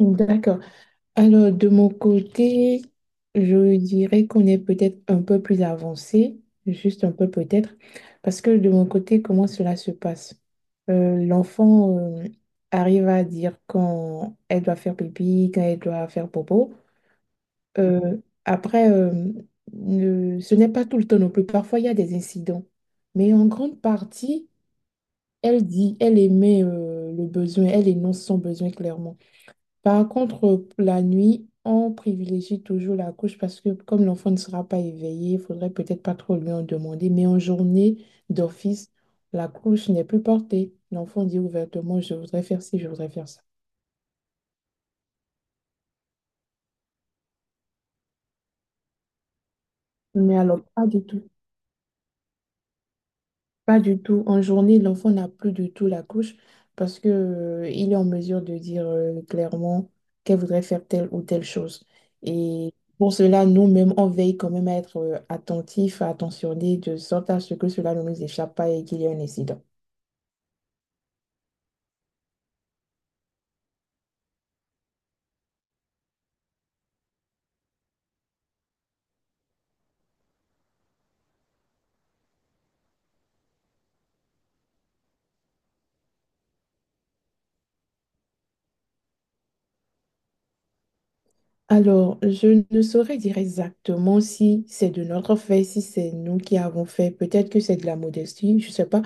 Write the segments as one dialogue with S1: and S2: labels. S1: D'accord. Alors, de mon côté, je dirais qu'on est peut-être un peu plus avancé, juste un peu peut-être, parce que de mon côté, comment cela se passe? L'enfant arrive à dire quand elle doit faire pipi, quand elle doit faire popo. Euh, après, euh, Ce n'est pas tout le temps non plus. Parfois, il y a des incidents. Mais en grande partie, elle dit, elle émet le besoin, elle énonce son besoin clairement. Par contre, la nuit, on privilégie toujours la couche parce que comme l'enfant ne sera pas éveillé, il faudrait peut-être pas trop lui en demander. Mais en journée d'office, la couche n'est plus portée. L'enfant dit ouvertement, je voudrais faire ci, je voudrais faire ça. Mais alors, pas du tout. Pas du tout. En journée, l'enfant n'a plus du tout la couche parce que, il est en mesure de dire clairement qu'elle voudrait faire telle ou telle chose. Et pour cela, nous-mêmes, on veille quand même à être attentifs, attentionnés, de sorte à ce que cela ne nous échappe pas et qu'il y ait un incident. Alors, je ne saurais dire exactement si c'est de notre fait, si c'est nous qui avons fait. Peut-être que c'est de la modestie, je ne sais pas.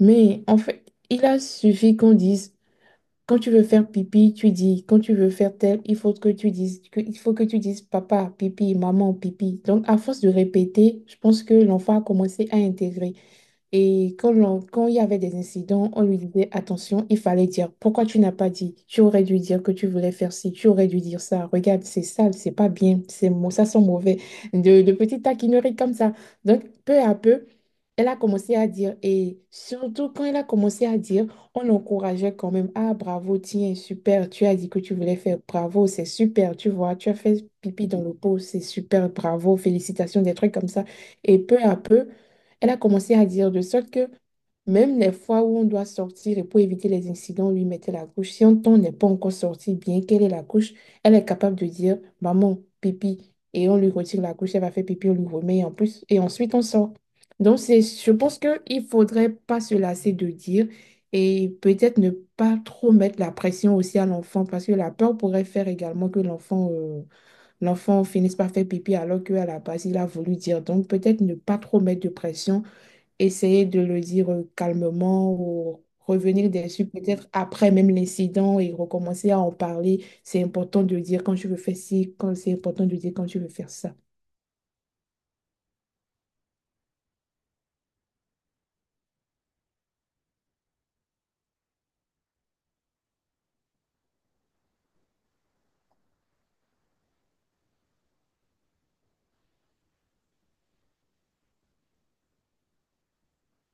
S1: Mais en fait, il a suffi qu'on dise, quand tu veux faire pipi, tu dis, quand tu veux faire tel, il faut que tu dises, il faut que tu dises papa, pipi, maman, pipi. Donc, à force de répéter, je pense que l'enfant a commencé à intégrer. Et quand, quand il y avait des incidents, on lui disait, attention, il fallait dire, pourquoi tu n'as pas dit? Tu aurais dû dire que tu voulais faire ci, tu aurais dû dire ça. Regarde, c'est sale, c'est pas bien, ça sent mauvais. De petites taquineries comme ça. Donc, peu à peu, elle a commencé à dire. Et surtout, quand elle a commencé à dire, on l'encourageait quand même. Ah, bravo, tiens, super, tu as dit que tu voulais faire, bravo, c'est super, tu vois, tu as fait pipi dans le pot, c'est super, bravo, félicitations, des trucs comme ça. Et peu à peu, elle a commencé à dire de sorte que même les fois où on doit sortir et pour éviter les incidents, on lui mettait la couche. Si on n'est pas encore sorti, bien qu'elle ait la couche, elle est capable de dire maman, pipi, et on lui retire la couche, elle va faire pipi, on lui remet et en plus, et ensuite on sort. Donc c'est, je pense qu'il ne faudrait pas se lasser de dire et peut-être ne pas trop mettre la pression aussi à l'enfant parce que la peur pourrait faire également que l'enfant finisse par faire pipi alors qu'à la base il a voulu dire. Donc peut-être ne pas trop mettre de pression essayer de le dire calmement ou revenir dessus peut-être après même l'incident et recommencer à en parler. C'est important de dire quand tu veux faire ci, quand c'est important de dire quand tu veux faire ça.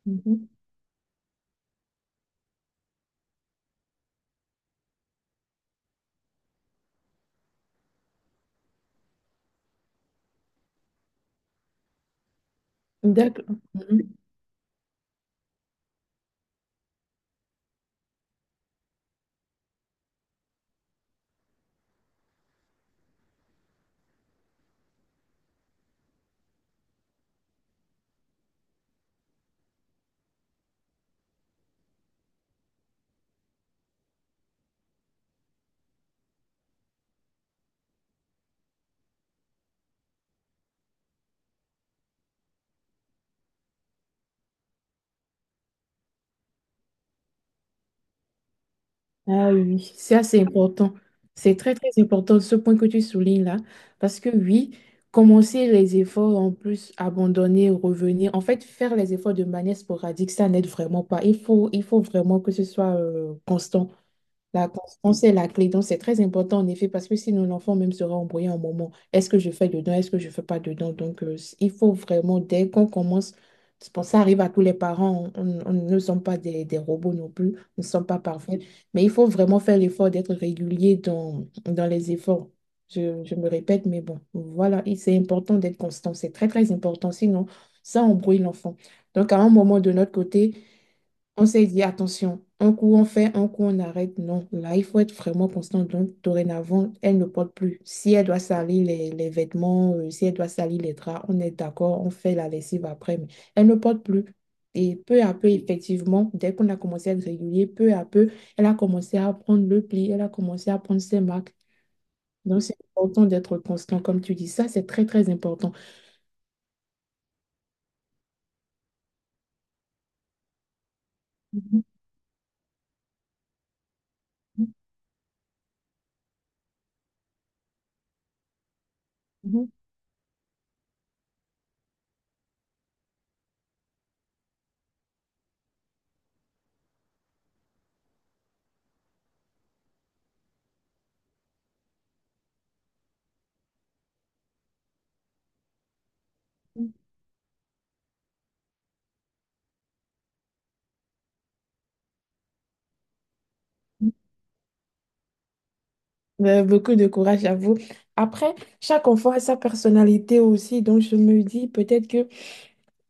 S1: Mhm. D'accord. Mhm. Ah oui, c'est assez important. C'est très, très important ce point que tu soulignes là. Parce que oui, commencer les efforts, en plus, abandonner, revenir, en fait, faire les efforts de manière sporadique, ça n'aide vraiment pas. Il faut vraiment que ce soit constant. La constance est la clé. Donc, c'est très important en effet parce que sinon l'enfant même sera embrouillé un moment. Est-ce que je fais dedans? Est-ce que je ne fais pas dedans? Donc, il faut vraiment, dès qu'on commence, c'est pour ça arrive à tous les parents, on ne sommes pas des, des robots non plus, nous ne sommes pas parfaits, mais il faut vraiment faire l'effort d'être régulier dans, dans les efforts. Je me répète, mais bon, voilà, et c'est important d'être constant. C'est très, très important. Sinon, ça embrouille l'enfant. Donc, à un moment de notre côté, on s'est dit, attention, un coup on fait, un coup on arrête. Non, là, il faut être vraiment constant. Donc, dorénavant, elle ne porte plus. Si elle doit salir les vêtements, si elle doit salir les draps, on est d'accord, on fait la lessive après, mais elle ne porte plus. Et peu à peu, effectivement, dès qu'on a commencé à être régulier, peu à peu, elle a commencé à prendre le pli, elle a commencé à prendre ses marques. Donc, c'est important d'être constant, comme tu dis. Ça, c'est très, très important. Mhm. Mhm. Mhm. Beaucoup de courage à vous. Après, chaque enfant a sa personnalité aussi, donc je me dis peut-être que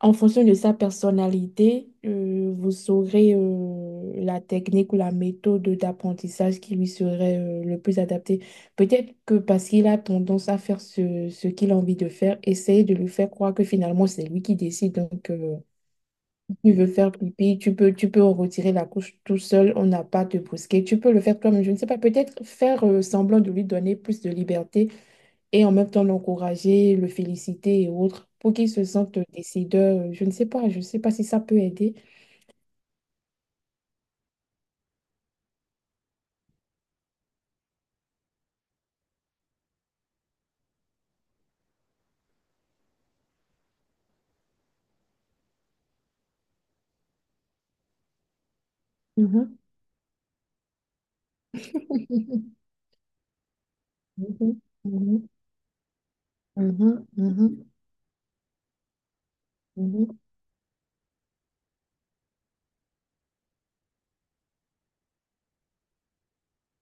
S1: en fonction de sa personnalité, vous saurez la technique ou la méthode d'apprentissage qui lui serait le plus adaptée. Peut-être que parce qu'il a tendance à faire ce, ce qu'il a envie de faire, essayez de lui faire croire que finalement c'est lui qui décide. Donc, tu veux faire pipi, tu peux en retirer la couche tout seul, on n'a pas à te brusquer. Tu peux le faire toi-même, je ne sais pas, peut-être faire semblant de lui donner plus de liberté et en même temps l'encourager, le féliciter et autres pour qu'il se sente décideur. Je ne sais pas, je ne sais pas si ça peut aider. Mhm. Mhm, mhm, mhm, mhm,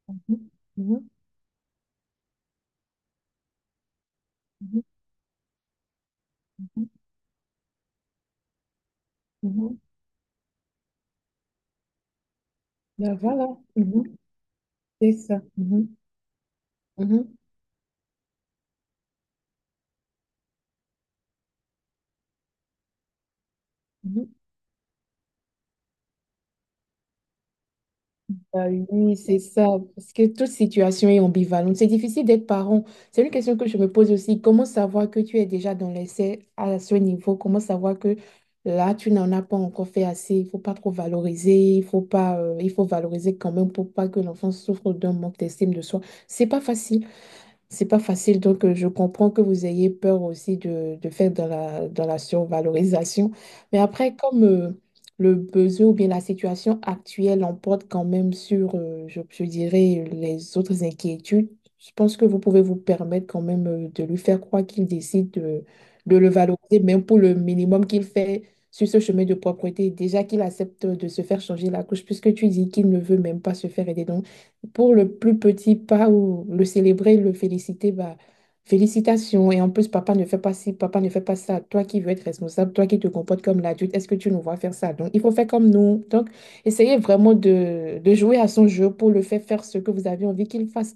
S1: mhm, mhm, mhm, mhm, mhm. Ben voilà, mhm, c'est ça. Mhm, mhm, mhm. Ah oui, c'est ça, parce que toute situation est ambivalente. C'est difficile d'être parent. C'est une question que je me pose aussi. Comment savoir que tu es déjà dans l'essai à ce niveau? Comment savoir que là, tu n'en as pas encore fait assez? Il faut pas trop valoriser. Il faut pas, il faut valoriser quand même pour pas que l'enfant souffre d'un manque d'estime de soi. C'est pas facile. C'est pas facile, donc je comprends que vous ayez peur aussi de faire dans la survalorisation. Mais après, comme le besoin ou bien la situation actuelle l'emporte quand même sur, je dirais, les autres inquiétudes, je pense que vous pouvez vous permettre quand même de lui faire croire qu'il décide de le valoriser, même pour le minimum qu'il fait sur ce chemin de propreté. Déjà qu'il accepte de se faire changer la couche, puisque tu dis qu'il ne veut même pas se faire aider. Donc, pour le plus petit pas ou le célébrer, le féliciter, bah, félicitations. Et en plus, papa ne fait pas ci, papa ne fait pas ça. Toi qui veux être responsable, toi qui te comportes comme l'adulte, est-ce que tu nous vois faire ça? Donc, il faut faire comme nous. Donc, essayez vraiment de jouer à son jeu pour le faire faire ce que vous avez envie qu'il fasse.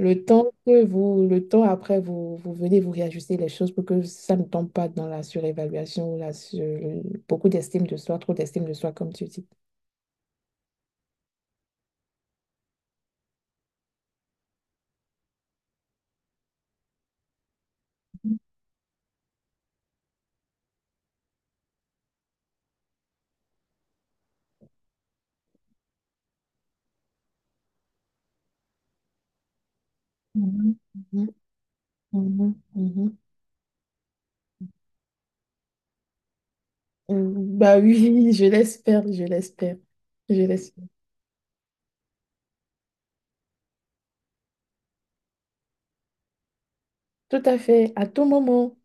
S1: Le temps que vous, le temps après, vous, vous venez vous réajuster les choses pour que ça ne tombe pas dans la surévaluation ou la sur- beaucoup d'estime de soi, trop d'estime de soi, comme tu dis. Mhm, mhm, mhm, mhm. Bah oui, je l'espère, je l'espère, je l'espère. Tout à fait, à tout moment.